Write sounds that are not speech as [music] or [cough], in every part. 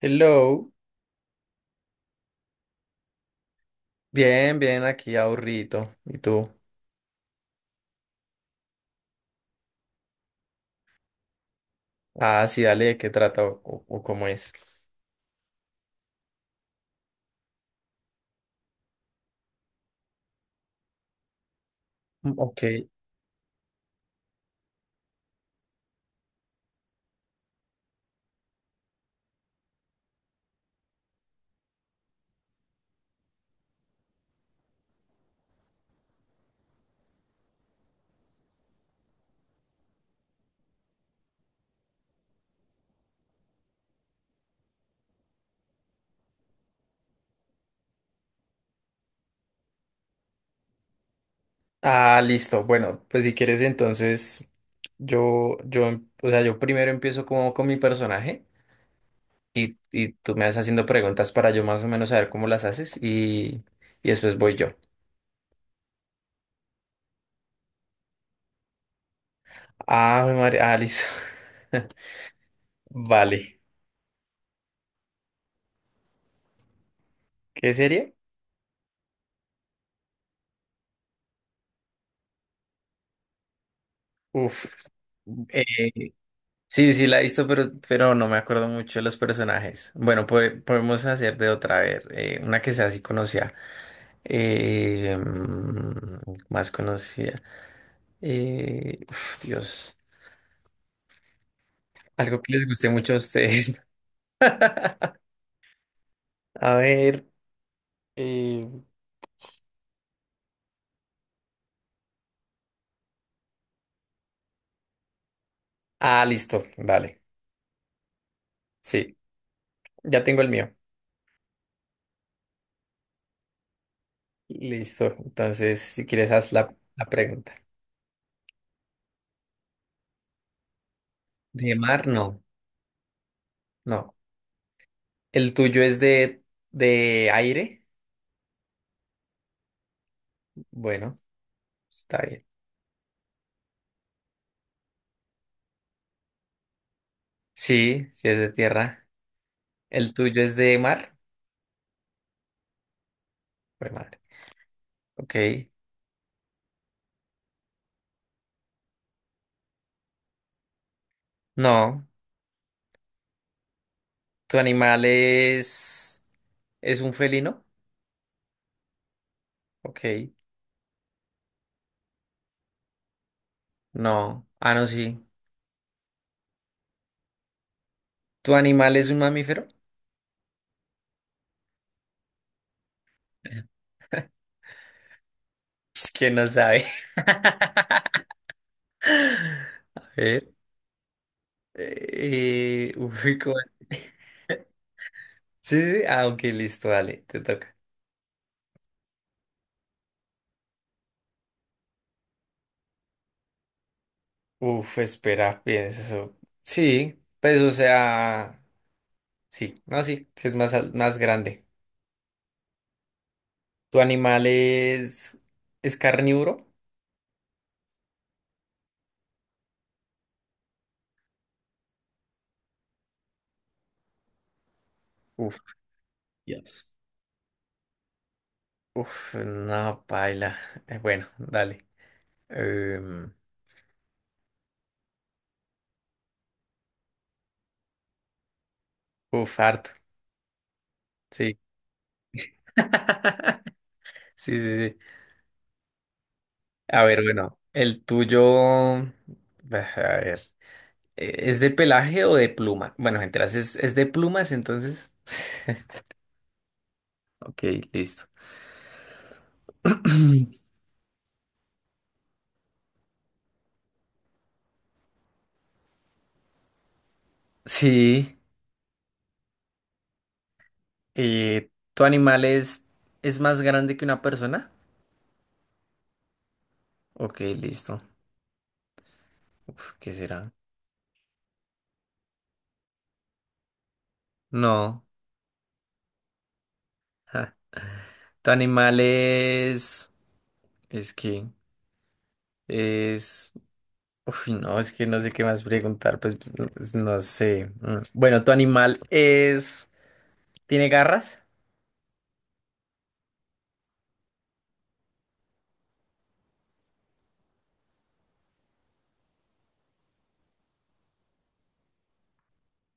Hello, bien, bien, aquí aburrido. ¿Y tú? Ah, sí, dale, ¿de qué trata o cómo es? Mm, ok. Ah, listo. Bueno, pues si quieres entonces yo, em- o sea, yo primero empiezo como con mi personaje y tú me vas haciendo preguntas para yo más o menos saber cómo las haces y después voy yo. Ah, María, ah, listo. [laughs] Vale. ¿Qué serie? Uf. Sí, sí, la he visto, pero no me acuerdo mucho de los personajes. Bueno, podemos hacer de otra, a ver, una que sea así conocida. Eh, mm, Más conocida. Uf, Dios, algo que les guste mucho a ustedes. [laughs] A ver. eh, ah, listo, vale. Sí, ya tengo el mío. Listo, entonces, si quieres, haz la pregunta. ¿De mar? No, no. ¿El tuyo es de aire? Bueno, está bien. Sí, sí es de tierra. ¿El tuyo es de mar? Jue madre. Ok. No. ¿Tu animal es un felino? Ok. No. Ah, no, sí. ¿Tu animal es un mamífero? [laughs] Es que no sabe. [laughs] A ver. Uy, ¿cómo? [laughs] Sí, sí, sí. Ah, ok, listo, dale, te toca. Uf, espera, piensa eso. Sí, pues o sea, sí, no, sí, sí es más, más grande. ¿Tu animal es carnívoro? Uf, yes. Uf, no, paila. Bueno, dale. Em, Uf, harto. Sí. [laughs] Sí, sí, sí. A ver, bueno, el tuyo. mm, A ver. ¿Es de pelaje o de pluma? Bueno, mientras es de plumas, entonces. [laughs] Ok, listo. [clears throat] Sí. ¿Tu animal es más grande que una persona? Ok, listo. Uf, ¿qué será? No, ja. Tu animal es que, es uf, no, es que no sé qué más preguntar, pues, pues, no sé. Mm. Bueno, tu animal es, ¿tiene garras?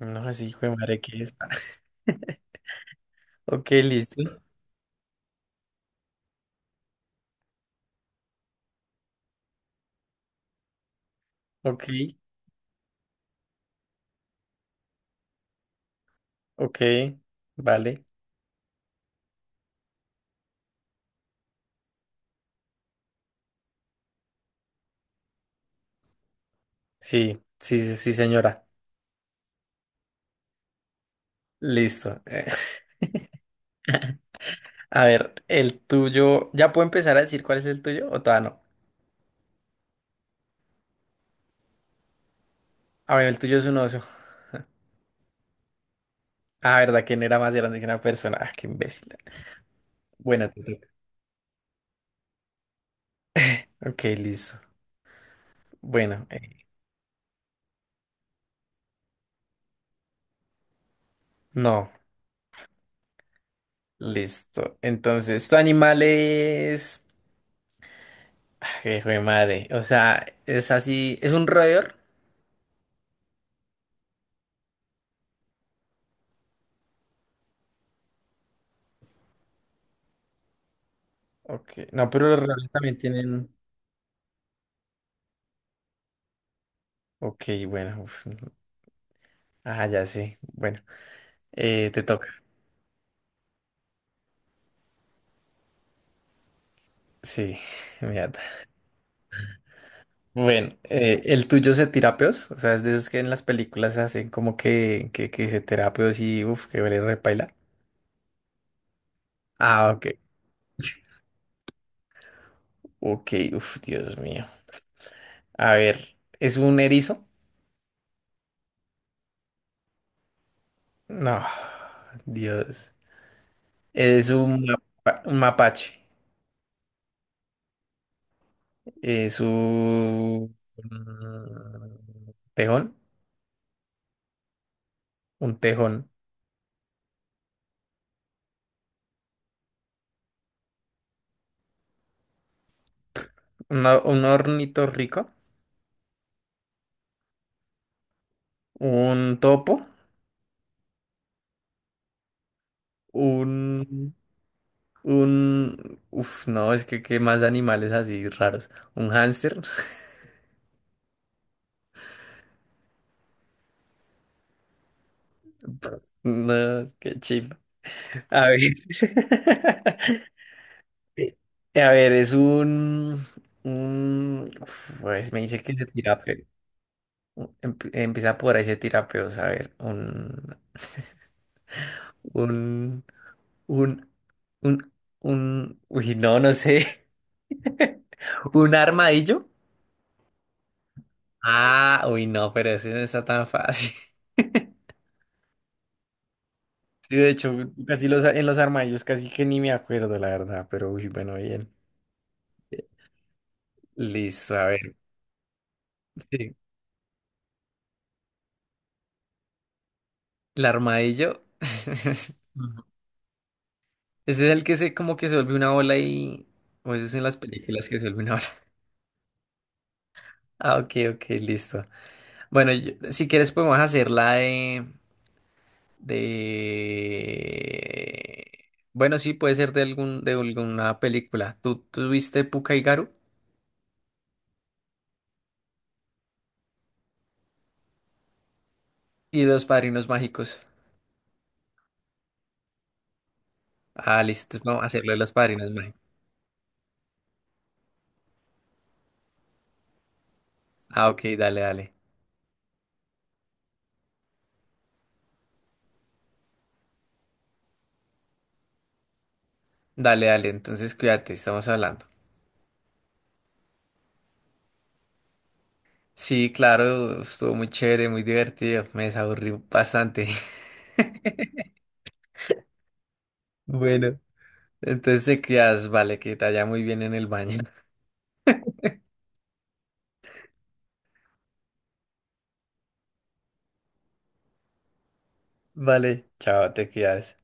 No, así, hijo de madre, ¿qué es? [laughs] Ok, listo. Ok, ok, vale. Sí, sí, sí, sí, señora. Listo. [laughs] A ver, el tuyo, ¿ya puedo empezar a decir cuál es el tuyo o todavía no? A ver, el tuyo es un oso. Ah, ¿verdad? ¿Quién era más grande que una persona? Ah, qué imbécil. Bueno, ok, listo. Bueno, no, listo. Entonces, tu animal es... Ay, hijo de madre. O sea, es así, es un roedor. Ok, no, pero los roedores también tienen... Ok, bueno. Uf, no. Ah, ya sí. Bueno, te toca. Sí, [laughs] mierda. Bueno, ¿el tuyo se tira peos? O sea, es de esos que en las películas hacen como que se tira peos y uff, que vale repaila. Ah, ok. Ok, uff, Dios mío. A ver, ¿es un erizo? No, Dios. Es un, un mapache. Es un tejón. Un tejón. Un ornitorrinco. Un topo. Un. Un. Uf, no, es que qué más animales así raros. Un hámster. [laughs] No, qué chip. A ver. [laughs] A ver, es un. Un uf, pues me dice que se tira. Empieza por ahí, se tira peos, a ver, un, un, un, uy, no, no sé, [laughs] un armadillo. Ah, uy, no, pero ese no está tan fácil. [laughs] Sí, de hecho, casi los, en los armadillos casi que ni me acuerdo, la verdad, pero uy, bueno, bien. Listo, a ver. Sí, el armadillo. [laughs] Ese es el que se como que se vuelve una bola y... O eso es en las películas que se vuelve una bola. [laughs] Ah, ok, ok, listo. Bueno, si quieres podemos hacer la de... Bueno, sí, puede ser de algún, de alguna película. ¿Tú viste Pucca y Garu? Y Los Padrinos Mágicos. Ah, listo, entonces vamos a hacerlo de Los Padrinos Mágicos. Ah, ok, dale, dale. Dale, dale, entonces cuídate, estamos hablando. Sí, claro, estuvo muy chévere, muy divertido, me desaburrí bastante. [laughs] Bueno, entonces te cuidas, vale, que te vaya muy bien en el baño. [laughs] Vale, chao, te cuidas.